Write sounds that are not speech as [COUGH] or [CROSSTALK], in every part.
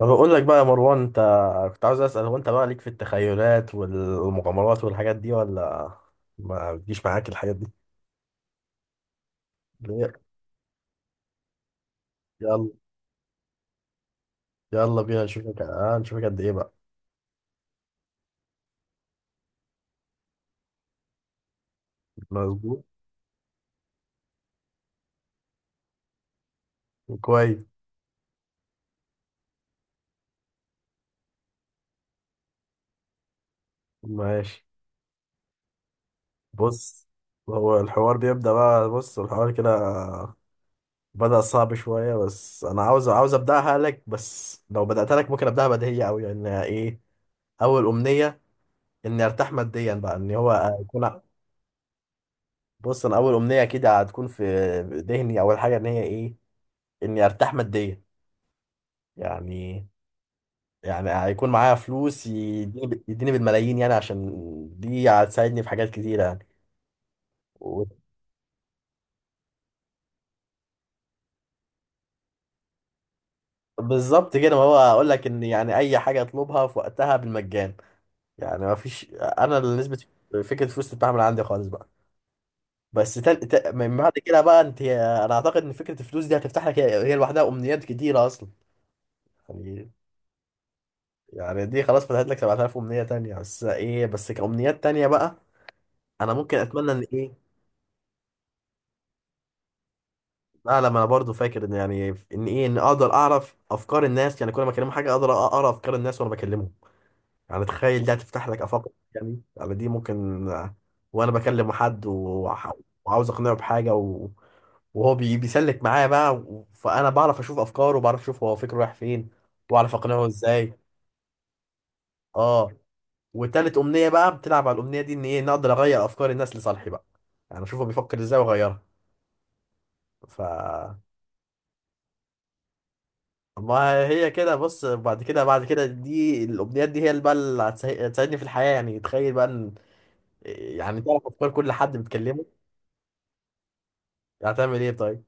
ما بقول لك بقى يا مروان انت كنت عاوز اسال هو انت بقى ليك في التخيلات والمغامرات والحاجات دي ولا ما بتجيش معاك الحاجات دي ليه؟ يلا، يلا بينا نشوفك، اه نشوفك قد ايه بقى. مظبوط. كويس. ماشي. بص هو الحوار بيبدا بقى، بص الحوار كده بدا صعب شويه، بس انا عاوز ابداها لك، بس لو بداتها لك ممكن ابداها بديهيه قوي. يعني ايه اول امنيه؟ اني ارتاح ماديا بقى، ان هو يكون. بص انا اول امنيه اكيد هتكون في ذهني، اول حاجه ان هي ايه؟ اني ارتاح ماديا يعني. يعني هيكون معايا فلوس، يديني بالملايين يعني، عشان دي هتساعدني في حاجات كتيره يعني. و- بالظبط كده، ما هو اقول لك ان يعني اي حاجه اطلبها في وقتها بالمجان. يعني ما فيش انا اللي نسبه فكره الفلوس تتباع من عندي خالص بقى. من بعد كده بقى انت، انا اعتقد ان فكره الفلوس دي هتفتح لك، هي لوحدها امنيات كتيره اصلا. يعني، يعني دي خلاص فتحت لك 7000 امنيه تانية، بس ايه بس كامنيات تانية بقى. انا ممكن اتمنى ان ايه؟ اعلم انا برضو، فاكر ان يعني، ان ايه، ان اقدر اعرف افكار الناس، يعني كل ما اكلمه حاجه اقدر اقرا افكار الناس وانا بكلمه. يعني تخيل ده هتفتح لك افاق. يعني، يعني دي ممكن، وانا بكلم حد وعاوز اقنعه بحاجه، وهو بيسلك معايا بقى، فانا بعرف اشوف افكاره، وبعرف اشوف هو فكره رايح فين، واعرف اقنعه ازاي. اه، وتالت امنيه بقى بتلعب على الامنيه دي، ان ايه نقدر اغير افكار الناس لصالحي بقى. يعني اشوفه بيفكر ازاي واغيرها. ف ما هي كده، بص بعد كده، بعد كده دي الامنيات دي هي اللي بقى اللي هتساعدني في الحياه. يعني تخيل بقى ان، يعني تعرف افكار كل حد بتكلمه. هتعمل ايه طيب؟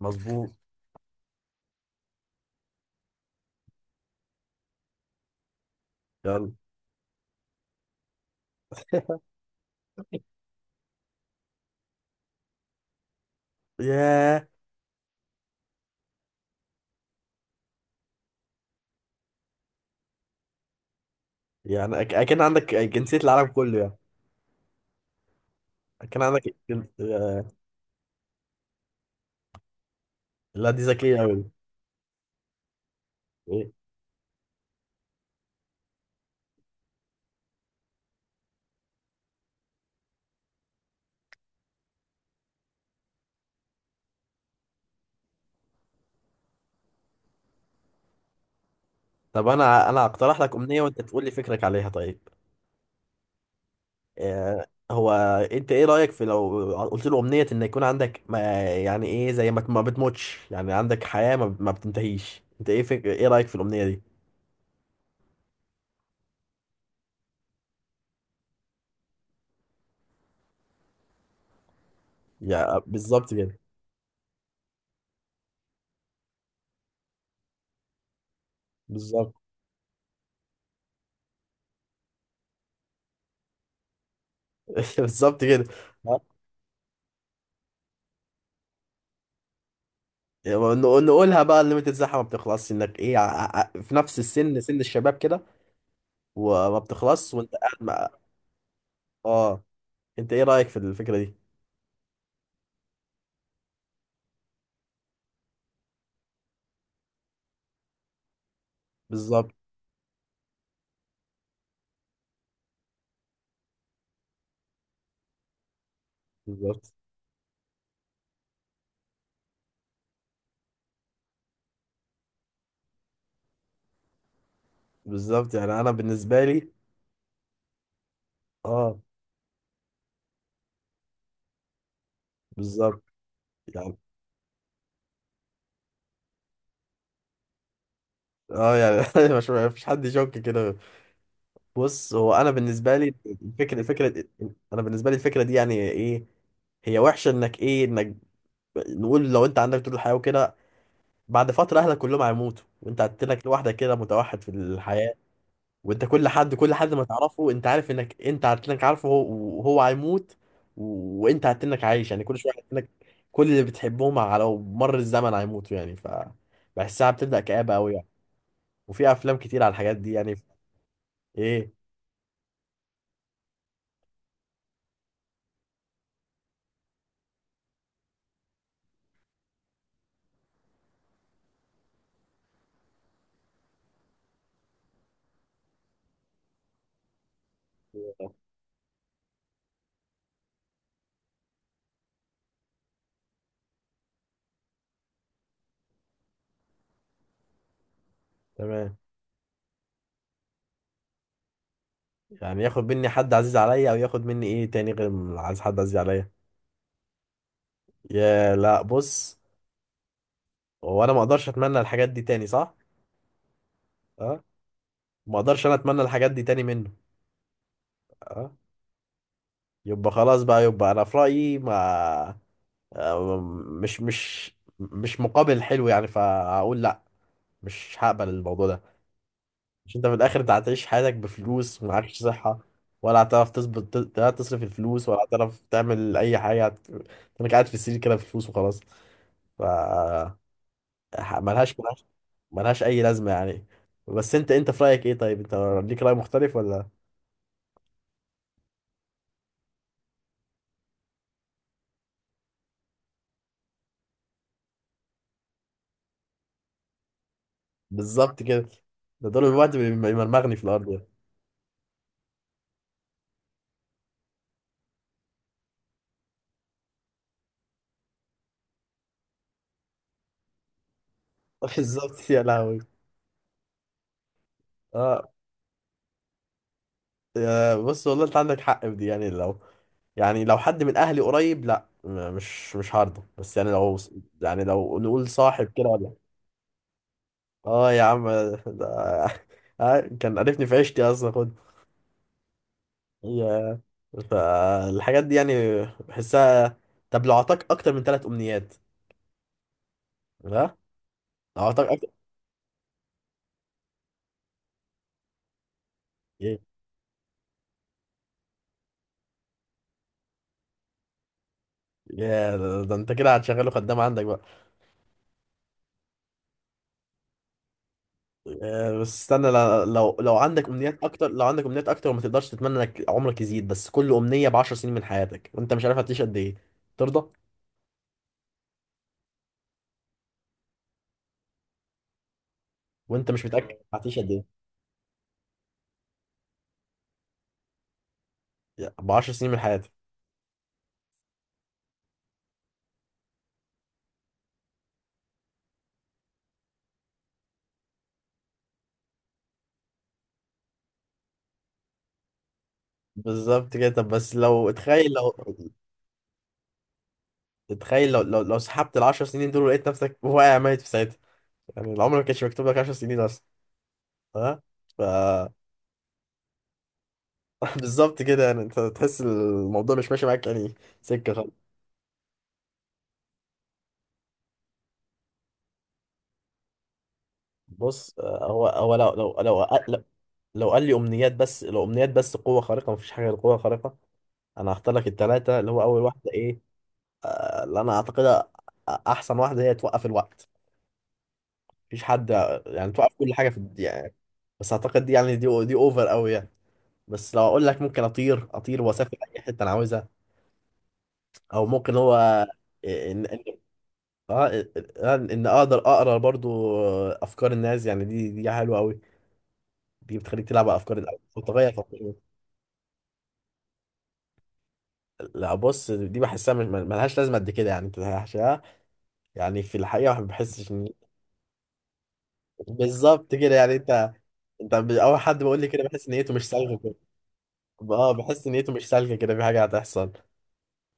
مظبوط. يلا. [LAUGHS] ياه. يعني اكن عندك جنسيه العالم كله يعني. اكن عندك جن- آه، لا دي ذكيه قوي. طب انا، انا هقترح لك امنيه وانت تقول لي فكرك عليها طيب. هو انت ايه رأيك في لو قلت له امنية ان يكون عندك ما، يعني ايه زي ما ما بتموتش، يعني عندك حياة ما بتنتهيش، انت ايه ايه رأيك في الامنية دي؟ يعني بالظبط كده. بالظبط. [LAUGHS] بالظبط كده. ها؟ يعني نقولها بقى الليميتد بتاعها ما بتخلصش، انك ايه، في نفس السن، سن الشباب كده، وما بتخلص وانت قاعد مع. اه، انت ايه رأيك في الفكرة دي؟ بالظبط. بالظبط. بالظبط يعني انا بالنسبة لي. اه بالظبط. يعني، اه يعني [LAUGHS] مش، مش حد يشك كده. بص هو انا بالنسبه لي الفكره، الفكره، انا بالنسبه لي الفكره دي يعني ايه؟ هي وحشه انك ايه، انك نقول لو انت عندك طول الحياه وكده، بعد فتره اهلك كلهم هيموتوا، وانت هتتلك لوحدك كده، متوحد في الحياه. وانت كل حد، كل حد ما تعرفه انت عارف انك انت هتتلك، وهو هيموت. وانت هتتلك عايش، يعني كل شويه هتتلك، كل اللي بتحبهم على مر الزمن هيموتوا يعني. ف بحسها بتبدا كآبه قوي يعني. وفي افلام كتير على الحاجات دي يعني. ايه؟ تمام. يعني ياخد مني حد عزيز عليا، او ياخد مني ايه تاني غير عايز حد عزيز عليا؟ يا، لا بص، هو انا ما اقدرش اتمنى الحاجات دي تاني، صح؟ اه. ما اقدرش انا اتمنى الحاجات دي تاني منه. اه. يبقى خلاص بقى، يبقى انا في رايي ما، آه، مش مش مش مقابل حلو يعني، فاقول لا، مش هقبل الموضوع ده. مش انت في الاخر انت هتعيش حياتك بفلوس ومعكش صحة، ولا هتعرف تظبط لا تصرف الفلوس، ولا هتعرف تعمل اي حاجة انك قاعد في السرير كده في فلوس وخلاص. ف ملهاش ملهاش اي لازمة يعني. بس انت، انت في رأيك ايه طيب؟ انت ليك رأي مختلف ولا؟ بالظبط كده، ده دول الوقت بيمرمغني في الارض يعني. [LAUGHS] بالظبط يا لهوي. اه، يا، بص والله انت عندك حق في دي، يعني لو، يعني لو حد من اهلي قريب لا، مش هرضى، بس يعني لو، يعني لو نقول صاحب كده ولا. اه يا عم ده [LAUGHS] كان عرفني في عيشتي اصلا، خد. يا، فالحاجات دي يعني بحسها. طب لو اعطاك اكتر من 3 امنيات؟ ها؟ لو اعطاك اكتر. يا، يا ده، ده انت كده هتشغله خدام عندك بقى. بس استنى، لو عندك امنيات اكتر، لو عندك امنيات اكتر وما تقدرش تتمنى انك عمرك يزيد، بس كل امنيه ب 10 سنين من حياتك، وانت مش عارف هتعيش قد ايه، ترضى؟ وانت مش متاكد هتعيش قد ايه، ب 10 سنين من حياتك. بالظبط كده. طب بس لو اتخيل، لو اتخيل لو، لو سحبت ال 10 سنين دول ولقيت نفسك واقع ميت في ساعتها، يعني العمر ما كانش مكتوب لك 10 سنين اصلا. ها. ف. [LAUGHS] بالظبط كده، يعني انت تحس الموضوع مش ماشي معاك يعني سكه خالص. بص، هو، هو لو لو قال لي امنيات بس، لو امنيات بس قوه خارقه، مفيش حاجه غير قوه خارقه، انا هختار لك الثلاثه، اللي هو اول واحده ايه، اللي انا اعتقدها احسن واحده، هي توقف الوقت. مفيش حد، يعني توقف كل حاجه في الدنيا يعني. بس اعتقد دي يعني، دي اوفر قوي يعني. بس لو اقول لك ممكن اطير، اطير واسافر اي حته انا عاوزها، او ممكن هو ان، ان، اه ان، إن اقدر اقرا برضو افكار الناس يعني، دي حلوه قوي، دي بتخليك تلعب على افكار الناس وتغير افكارهم. لا بص دي بحسها مش، ملهاش لازمه قد كده يعني، انت يعني في الحقيقه ما بحسش ان. بالظبط كده. يعني انت، انت اول حد بقول لي كده بحس نيته مش سالكه كده. اه بحس نيته مش سالكه كده، في حاجه هتحصل.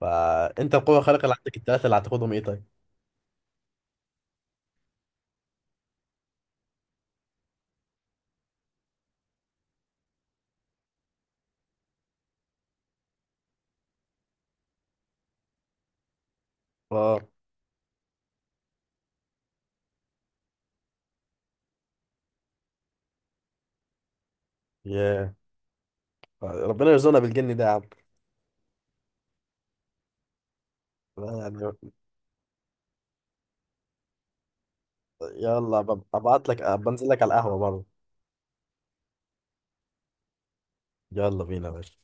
فانت القوة الخارقة اللي عندك التلاتة اللي هتاخدهم ايه طيب؟ اه. ياه، ربنا يرزقنا بالجن ده يا عم. لا يعني، يلا ببقى ابعت لك، بنزل لك على القهوة برضه. يلا بينا يا باشا.